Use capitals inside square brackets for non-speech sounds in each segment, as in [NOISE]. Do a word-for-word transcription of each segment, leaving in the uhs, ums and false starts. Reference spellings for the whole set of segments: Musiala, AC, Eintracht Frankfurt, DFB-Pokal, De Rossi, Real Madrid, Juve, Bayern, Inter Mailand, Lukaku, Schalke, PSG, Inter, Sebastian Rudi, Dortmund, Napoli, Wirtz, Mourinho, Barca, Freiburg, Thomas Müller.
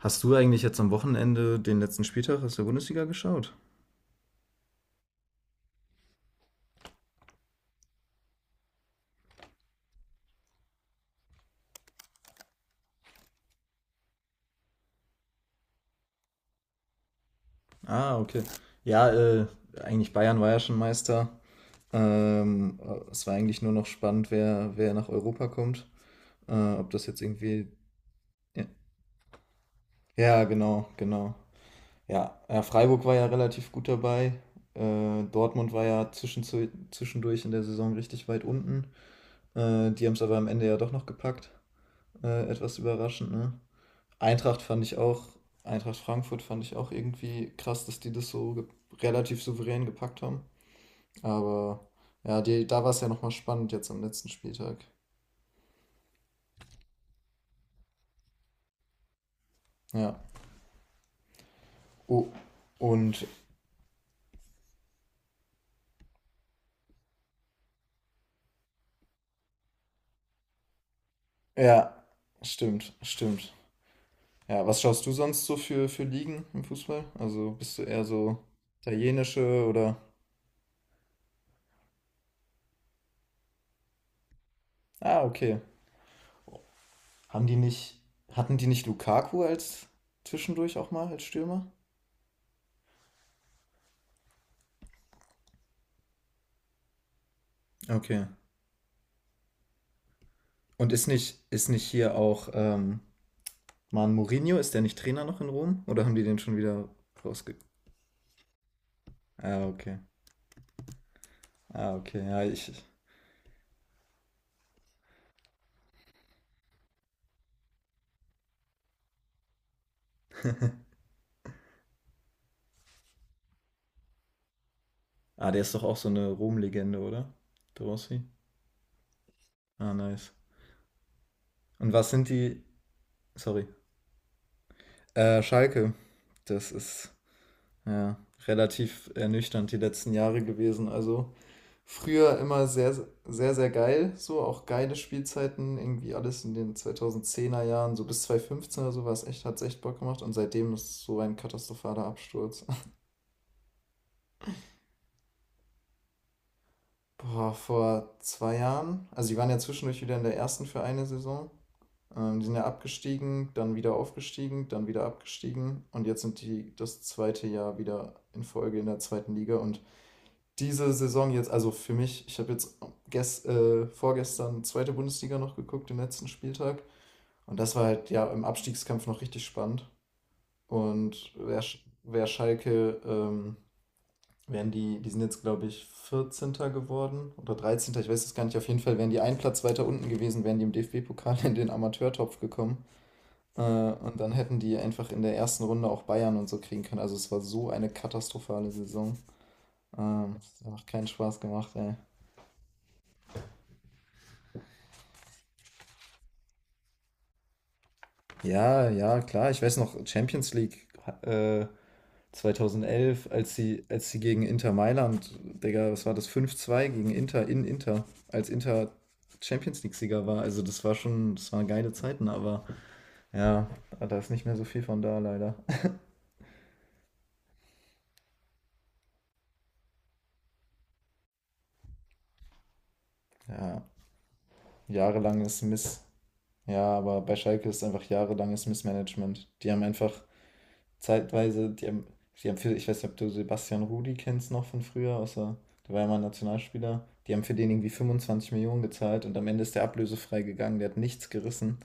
Hast du eigentlich jetzt am Wochenende den letzten Spieltag aus der Bundesliga geschaut? Ah, okay. Ja, äh, eigentlich Bayern war ja schon Meister. Ähm, äh, es war eigentlich nur noch spannend, wer, wer nach Europa kommt. Äh, ob das jetzt irgendwie. Ja, ja, genau, genau. Ja, ja, Freiburg war ja relativ gut dabei. Äh, Dortmund war ja zwischenzu- zwischendurch in der Saison richtig weit unten. Äh, die haben es aber am Ende ja doch noch gepackt. Äh, etwas überraschend, ne? Eintracht fand ich auch, Eintracht Frankfurt fand ich auch irgendwie krass, dass die das so ge- relativ souverän gepackt haben. Aber ja, die, da war es ja nochmal spannend jetzt am letzten Spieltag. Ja. Oh, und ja, stimmt, stimmt. Ja, was schaust du sonst so für, für Ligen im Fußball? Also bist du eher so italienische oder? Ah, okay. Haben die nicht, hatten die nicht Lukaku als zwischendurch auch mal als Stürmer? Okay. Und ist nicht, ist nicht hier auch ähm, Mann, Mourinho, ist der nicht Trainer noch in Rom? Oder haben die den schon wieder. rausge... Ah, okay. Ah, okay. Ja, ich. Ah, der ist doch auch so eine Rom-Legende, oder? De Rossi. Ah, nice. Und was sind die. Sorry. Äh, Schalke. Das ist ja relativ ernüchternd die letzten Jahre gewesen. Also früher immer sehr, sehr, sehr geil. So auch geile Spielzeiten. Irgendwie alles in den zweitausendzehner Jahren, so bis zweitausendfünfzehn oder so war es echt, hat es echt Bock gemacht. Und seitdem ist es so ein katastrophaler Absturz. Boah, vor zwei Jahren. Also die waren ja zwischendurch wieder in der ersten für eine Saison. Ähm, die sind ja abgestiegen, dann wieder aufgestiegen, dann wieder abgestiegen und jetzt sind die das zweite Jahr wieder in Folge in der zweiten Liga. Und diese Saison jetzt, also für mich, ich habe jetzt gest, äh, vorgestern zweite Bundesliga noch geguckt, den letzten Spieltag. Und das war halt ja im Abstiegskampf noch richtig spannend. Und wer, Sch- wer Schalke ähm, wären die, die sind jetzt, glaube ich, vierzehnter geworden oder dreizehnter. Ich weiß es gar nicht. Auf jeden Fall wären die einen Platz weiter unten gewesen, wären die im D F B-Pokal in den Amateurtopf gekommen. Äh, und dann hätten die einfach in der ersten Runde auch Bayern und so kriegen können. Also es war so eine katastrophale Saison. Ähm, das hat einfach keinen Spaß gemacht, ey. Ja, ja, klar. Ich weiß noch, Champions League äh, zweitausendelf, als sie, als sie gegen Inter Mailand, Digga, was war das? fünf zwei gegen Inter in Inter, als Inter Champions League-Sieger war. Also, das war schon, das waren geile Zeiten, aber ja, ah, da ist nicht mehr so viel von da, leider. Ja, jahrelanges Miss. Ja, aber bei Schalke ist einfach jahrelanges Missmanagement. Die haben einfach zeitweise, die haben, die haben für, ich weiß nicht, ob du Sebastian Rudi kennst noch von früher, außer, der war ja mal ein Nationalspieler. Die haben für den irgendwie fünfundzwanzig Millionen gezahlt und am Ende ist der ablösefrei gegangen, der hat nichts gerissen.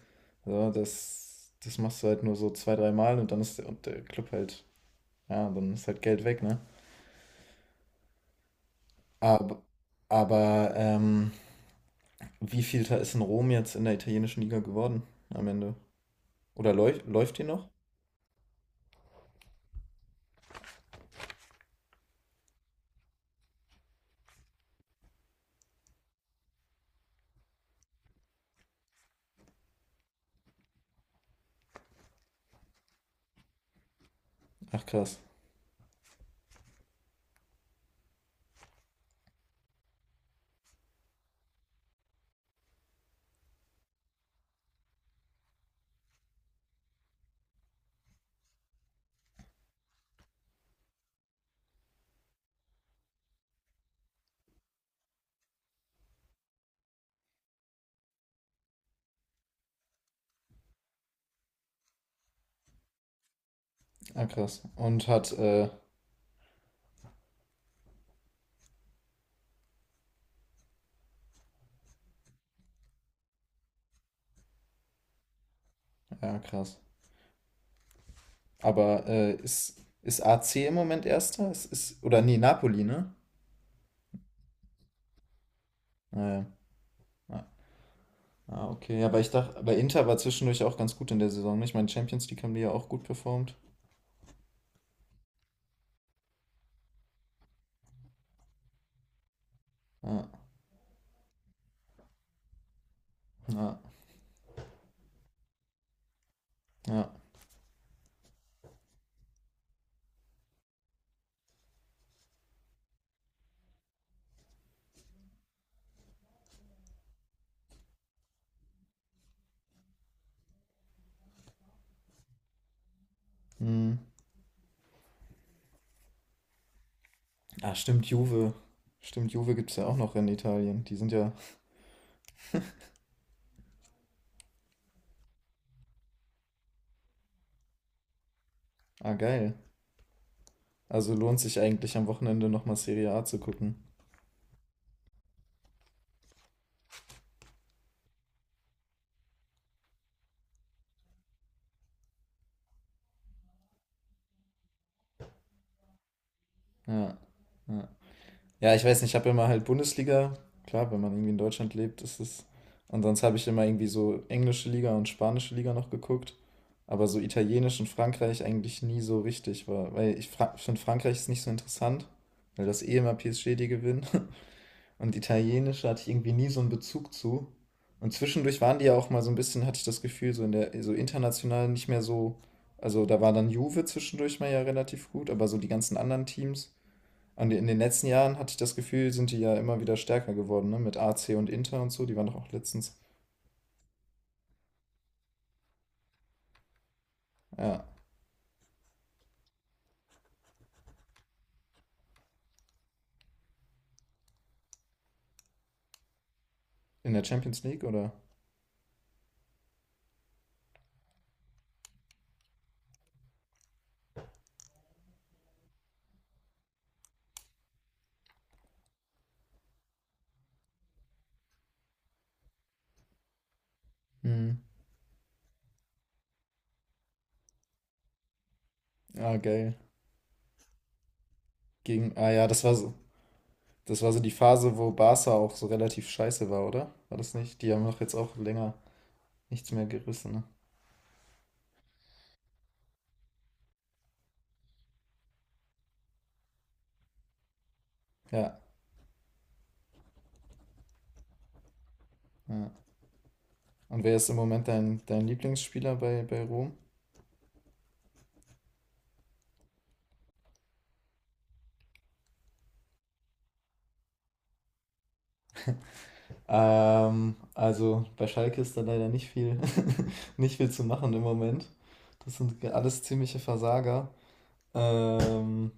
Also das, das machst du halt nur so zwei, drei Mal und dann ist der, und der Club halt, ja, dann ist halt Geld weg, ne? Aber, aber ähm, wie viel da ist in Rom jetzt in der italienischen Liga geworden am Ende? Oder läu läuft die noch? Ach krass. Ah krass. Und hat, äh, ja krass. Aber äh, ist, ist A C im Moment Erster? Es ist, oder nee, Napoli, ne? Naja. Ah, ah, okay. Aber ich dachte, aber Inter war zwischendurch auch ganz gut in der Saison, nicht? Ich meine, Champions League haben die ja auch gut performt. Ja, ja, ja. Hm. Ah, stimmt, Juve. Stimmt, Juve gibt es ja auch noch in Italien. Die sind ja, ah, geil. Also lohnt sich eigentlich am Wochenende nochmal Serie A zu gucken. Ja, ja. Ja, ich weiß nicht, ich habe immer halt Bundesliga. Klar, wenn man irgendwie in Deutschland lebt, ist es. Und sonst habe ich immer irgendwie so englische Liga und spanische Liga noch geguckt. Aber so italienisch und Frankreich eigentlich nie so richtig war. Weil ich fra finde, Frankreich ist nicht so interessant, weil das eh immer P S G die gewinnen. [LAUGHS] Und italienisch hatte ich irgendwie nie so einen Bezug zu. Und zwischendurch waren die ja auch mal so ein bisschen, hatte ich das Gefühl, so in der, so international nicht mehr so. Also da war dann Juve zwischendurch mal ja relativ gut, aber so die ganzen anderen Teams an den- in den letzten Jahren hatte ich das Gefühl, sind die ja immer wieder stärker geworden, ne? Mit A C und Inter und so. Die waren doch auch letztens. Ja. In der Champions League, oder? Hm. Ah, geil. Gegen. Ah ja, das war so. Das war so die Phase, wo Barca auch so relativ scheiße war, oder? War das nicht? Die haben doch jetzt auch länger nichts mehr gerissen, ne? Ja, ja. Und wer ist im Moment dein, dein Lieblingsspieler bei, bei Rom? Ähm, also bei Schalke ist da leider nicht viel, [LAUGHS] nicht viel zu machen im Moment. Das sind alles ziemliche Versager. Ähm,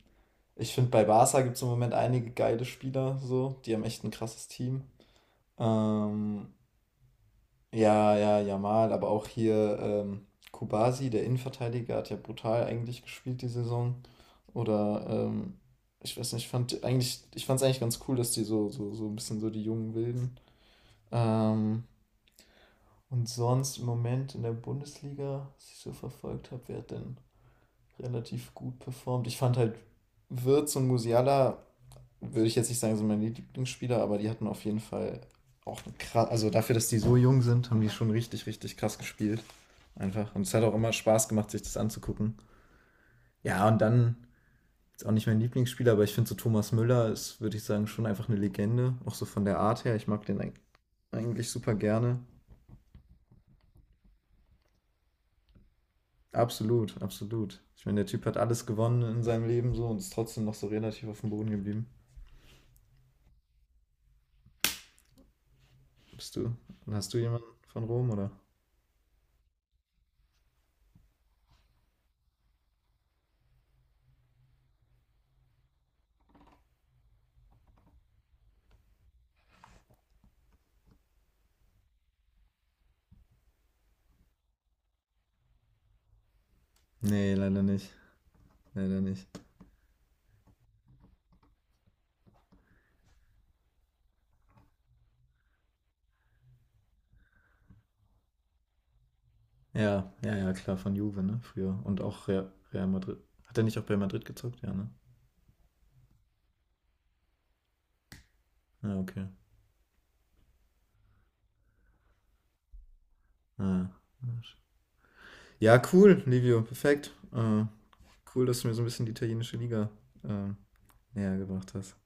Ich finde, bei Barca gibt es im Moment einige geile Spieler, so. Die haben echt ein krasses Team. Ähm, ja, ja, Jamal, aber auch hier ähm, Kubasi, der Innenverteidiger, hat ja brutal eigentlich gespielt die Saison. Oder ähm, ich weiß nicht, ich fand eigentlich, ich fand es eigentlich ganz cool, dass die so, so, so ein bisschen so die jungen Wilden. Ähm, und sonst im Moment in der Bundesliga, was ich so verfolgt habe, wer hat denn relativ gut performt? Ich fand halt Wirtz und Musiala würde ich jetzt nicht sagen, sind meine Lieblingsspieler, aber die hatten auf jeden Fall auch krass, also dafür, dass die so jung sind, haben die schon richtig, richtig krass gespielt. Einfach. Und es hat auch immer Spaß gemacht, sich das anzugucken. Ja, und dann ist auch nicht mein Lieblingsspieler, aber ich finde so Thomas Müller ist, würde ich sagen, schon einfach eine Legende. Auch so von der Art her. Ich mag den eigentlich super gerne. Absolut, absolut. Ich meine, der Typ hat alles gewonnen in seinem Leben so und ist trotzdem noch so relativ auf dem Boden geblieben. Bist du? Hast du jemanden von Rom oder? Nee, leider nicht. Leider nicht. Ja, ja, ja, klar, von Juve, ne? Früher. Und auch Real, Real Madrid. Hat er nicht auch bei Madrid gezockt? Ja, ne? Ja, okay. Ja, ja cool, Livio, perfekt. Äh, cool, dass du mir so ein bisschen die italienische Liga äh, näher gebracht hast.